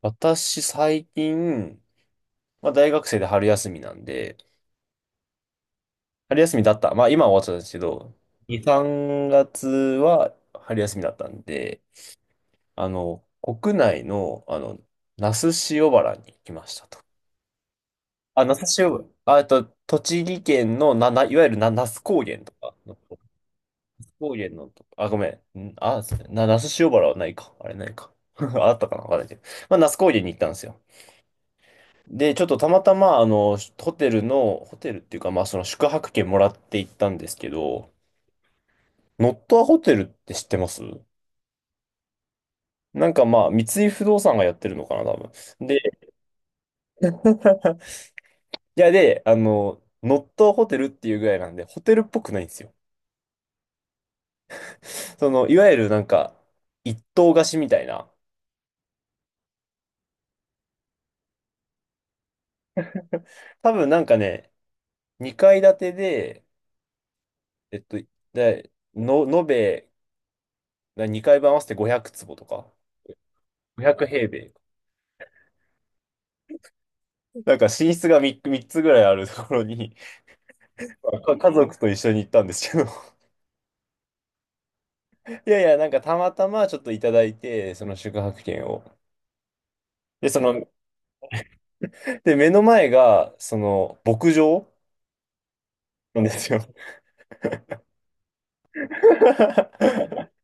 私、最近、まあ、大学生で春休みなんで、春休みだった。まあ、今は終わっちゃったんですけど、2、3月は春休みだったんで、国内の、那須塩原に来ましたと。あ、那須塩原、あ、栃木県のいわゆるな、那須高原とかの、那須高原のと、あ、ごめん、那須塩原はないか。あれないか。あったかなわかんないけど。まあ、那須高原に行ったんですよ。で、ちょっとたまたま、ホテルの、ホテルっていうか、まあ、その宿泊券もらって行ったんですけど、ノットアホテルって知ってます？なんかまあ、三井不動産がやってるのかな、多分。で、いや、で、ノットホテルっていうぐらいなんで、ホテルっぽくないんですよ。その、いわゆるなんか、一棟貸しみたいな。多分なんかね、2階建てで、えっと、で、の、延べ2階分合わせて500坪とか、500平米。なんか寝室が3、三つぐらいあるところに、まあか家族と一緒に行ったんですけど、いやいや、なんかたまたまちょっといただいて、その宿泊券を。で、その、で、目の前が、その、牧場なんですよ。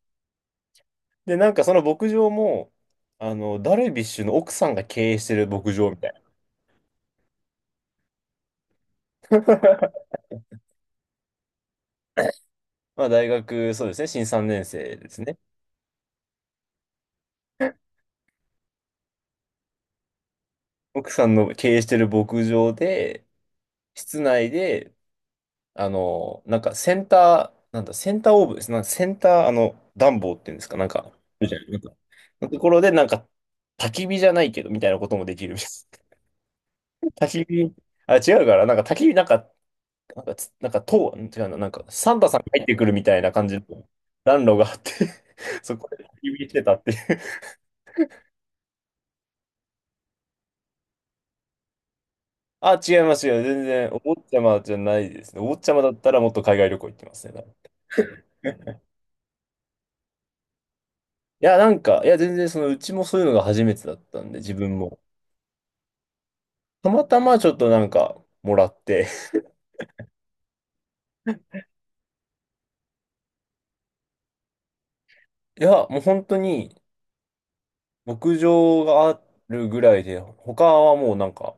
で、なんかその牧場も、ダルビッシュの奥さんが経営してる牧場みたいな。まあ、大学、そうですね、新3年生ですね。奥さんの経営してる牧場で、室内で、なんかセンター、なんだ、センターオーブです。なんかセンター、暖房っていうんですか、なんか、みたいな、なんか、のところで、なんか、焚き火じゃないけど、みたいなこともできるみたいです。焚き火、あ、違うから、なんか焚き火、なんか、なんかつ、なんか、塔、違うな、なんか、サンタさんが入ってくるみたいな感じの暖炉があって そこで焚き火してたっていう。あ、違いますよ。全然、お坊ちゃまじゃないですね。お坊ちゃまだったらもっと海外旅行行ってますね。いや、なんか、いや、全然、その、うちもそういうのが初めてだったんで、自分も。たまたまちょっとなんかもらって。 いや、もう本当に牧場があるぐらいで、他はもうなんか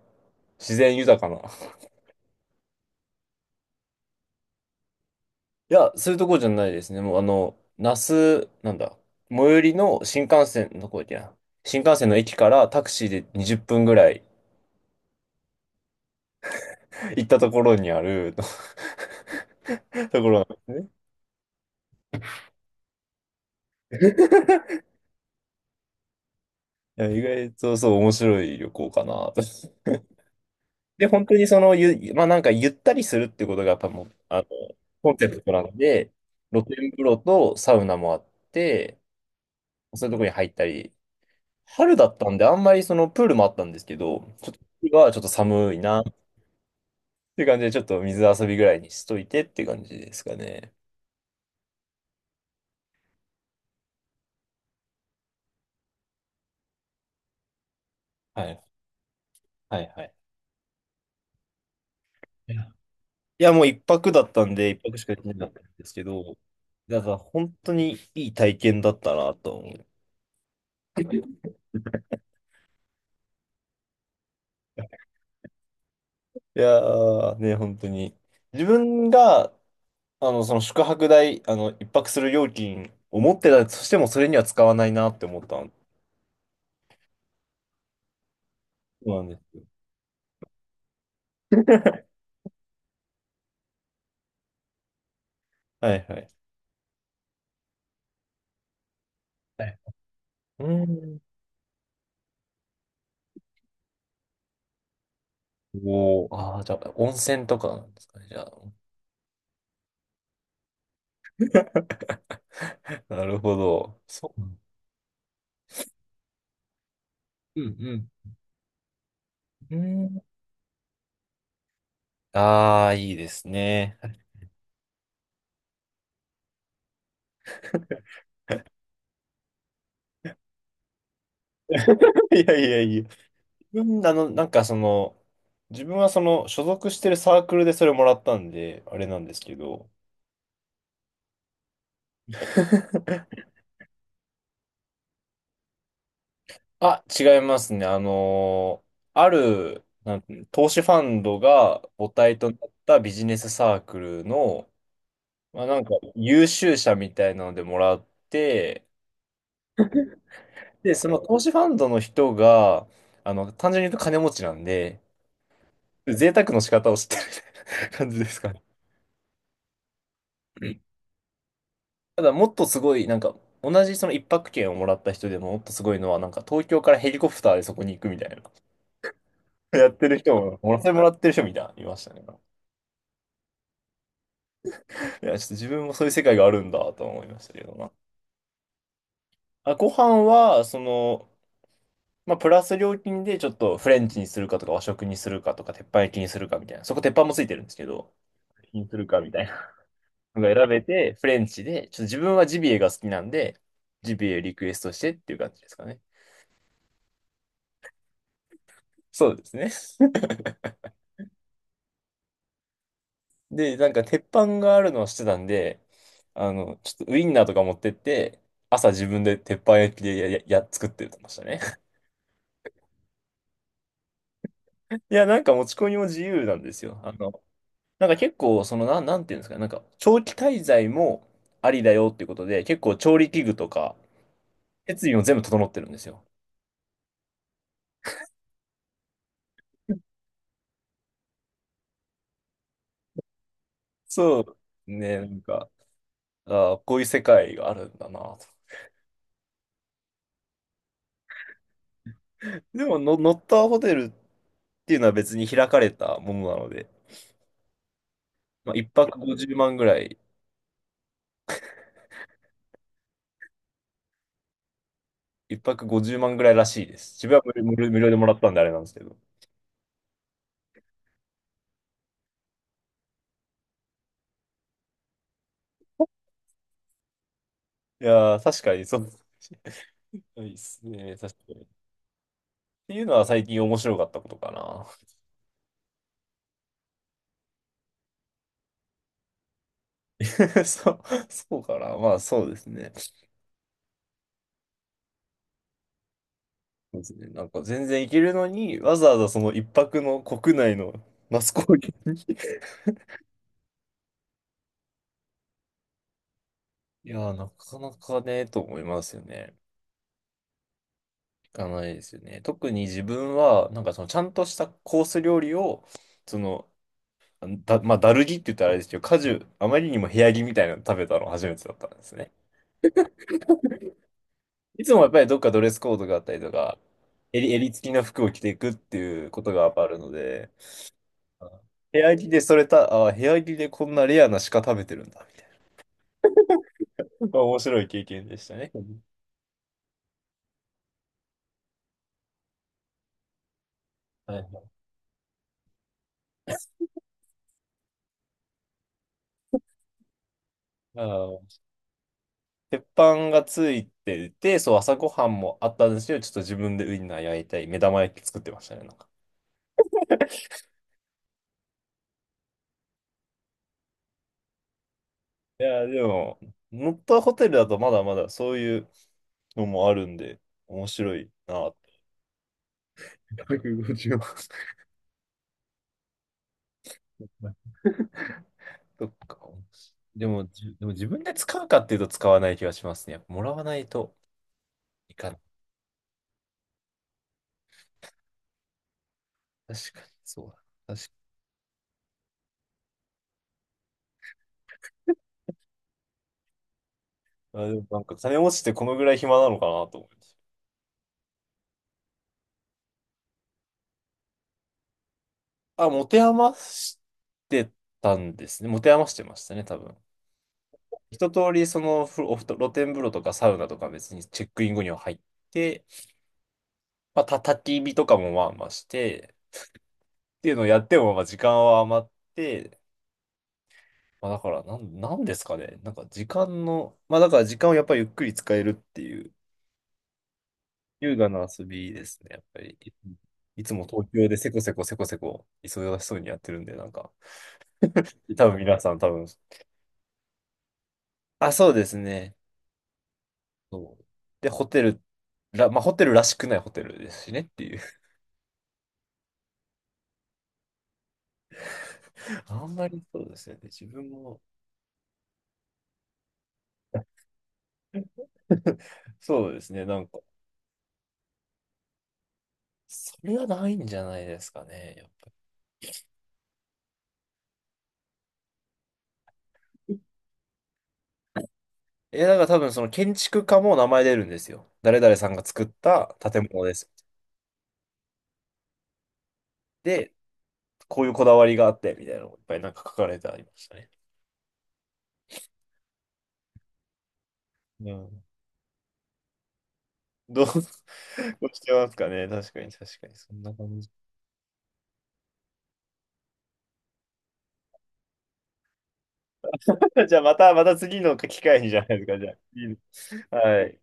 自然豊かな。いや、そういうとこじゃないですね。もう那須、なんだ、最寄りの新幹線のとこや。新幹線の駅からタクシーで20分ぐらい行ったところにある ところなんですね。いや、意外とそう面白い旅行かなと。で、本当にその、まあなんかゆったりするってことがやっぱもう、コンセプトなんで、露天風呂とサウナもあって、そういうとこに入ったり、春だったんであんまりそのプールもあったんですけど、ちょっと、今はちょっと寒いなっていう感じで、ちょっと水遊びぐらいにしといてっていう感じですかね。はい。はいはい。いや、いやもう一泊だったんで、一泊しか行ってなかったんですけど、だから本当にいい体験だったなと思う。いやーね、本当に。自分がその宿泊代、一泊する料金を持ってたとしても、それには使わないなって思ったん。そうなんですよ。はいはい。はい。うん。おお、ああ、じゃあ、温泉とかなんですかね、じゃあ。なるほど。そう。うんうん。うん。ああ、いいですね。いやいやいや。自分、自分はその、所属してるサークルでそれもらったんで、あれなんですけど、あ、違いますね。ある、なんて投資ファンドが母体となったビジネスサークルの、まあ、なんか優秀者みたいなのでもらって、で、その投資ファンドの人が、単純に言うと金持ちなんで、贅沢の仕方を知ってるみたいな感じですかね。うん、ただ、もっとすごい、なんか、同じその一泊券をもらった人でももっとすごいのは、なんか東京からヘリコプターでそこに行くみたいな。やってる人も、それもらってる人みたいな、いましたね。いや、ちょっと自分もそういう世界があるんだと思いましたけどな。あ、ご飯は、その、まあ、プラス料金でちょっとフレンチにするかとか和食にするかとか鉄板焼きにするかみたいな。そこ鉄板もついてるんですけど、にするかみたいなのが選べて、フレンチで、ちょっと自分はジビエが好きなんで、ジビエリクエストしてっていう感じですかね。そうですね。で、なんか鉄板があるのをしてたんで、ちょっとウインナーとか持ってって、朝自分で鉄板焼きでや、や、や作ってましたね。いや、なんか持ち込みも自由なんですよ。なんか結構、その、なんていうんですか、なんか、長期滞在もありだよっていうことで、結構調理器具とか、設備も全部整ってるんですよ。そう。ね、なんか、ああ、こういう世界があるんだなと。でもの、ノッターホテルっていうのは別に開かれたものなので、まあ、一泊50万ぐらい、一泊50万ぐらいらしいです。自分は無料無料でもらったんであれなんですけど。いやー、確かにそう。いいっすね、確かに。っていうのは最近面白かったことかな。そう、そうかな。まあそうですね。そうですね。なんか全然行けるのに、わざわざその一泊の国内のマスコミに。 いやー、なかなかね、と思いますよね。行かないですよね。特に自分は、なんかそのちゃんとしたコース料理を、その、だ、まあ、ダルギって言ったらあれですけど、果樹、あまりにも部屋着みたいなの食べたの初めてだったんですね。いつもやっぱりどっかドレスコードがあったりとか、襟付きの服を着ていくっていうことがやっぱあるので、あ、部屋着でこんなレアな鹿食べてるんだ、みたいな。面白い経験でしたね。はい、あの、鉄板がついてて、そう、朝ごはんもあったんですけど、ちょっと自分でウインナー焼いたり、目玉焼き作ってましたね、なんか。いや、でも、ノットホテルだとまだまだそういうのもあるんで、面白いなって。150万。そっか。でも、でも自分で使うかっていうと使わない気がしますね。やっぱもらわないといかない。確かに、そうだ。確かに。あ、でもなんか金持ちってこのぐらい暇なのかなと思って。あ、持て余してたんですね。持て余してましたね、多分。一通り、その、ふおふと露天風呂とかサウナとか別にチェックイン後には入って、まあ、焚き火とかもまあまあして、っていうのをやっても、まあ、時間は余って、まあ、だから、なんですかね。なんか、時間の、まあ、だから、時間をやっぱりゆっくり使えるっていう、優雅な遊びですね、やっぱり。いつも東京でせこせこせこせこ忙しそうにやってるんで、なんか、多分皆さん多分、あ、そうですね。そうで、ホテルら、まあ、ホテルらしくないホテルですしねっていう。あんまりそうですよね。で自分も。 そうですね。なんか、それはないんじゃないですかね。やっぱり。え、だから多分その建築家も名前出るんですよ。誰々さんが作った建物です。で、こういうこだわりがあって、みたいなのがいっぱいなんか書かれてありましたね。うん。どう、どうしてますかね。確かに、確かに。そんな感じ。じゃあまた、また次の機会にじゃないですか。じゃあ。いいですはい。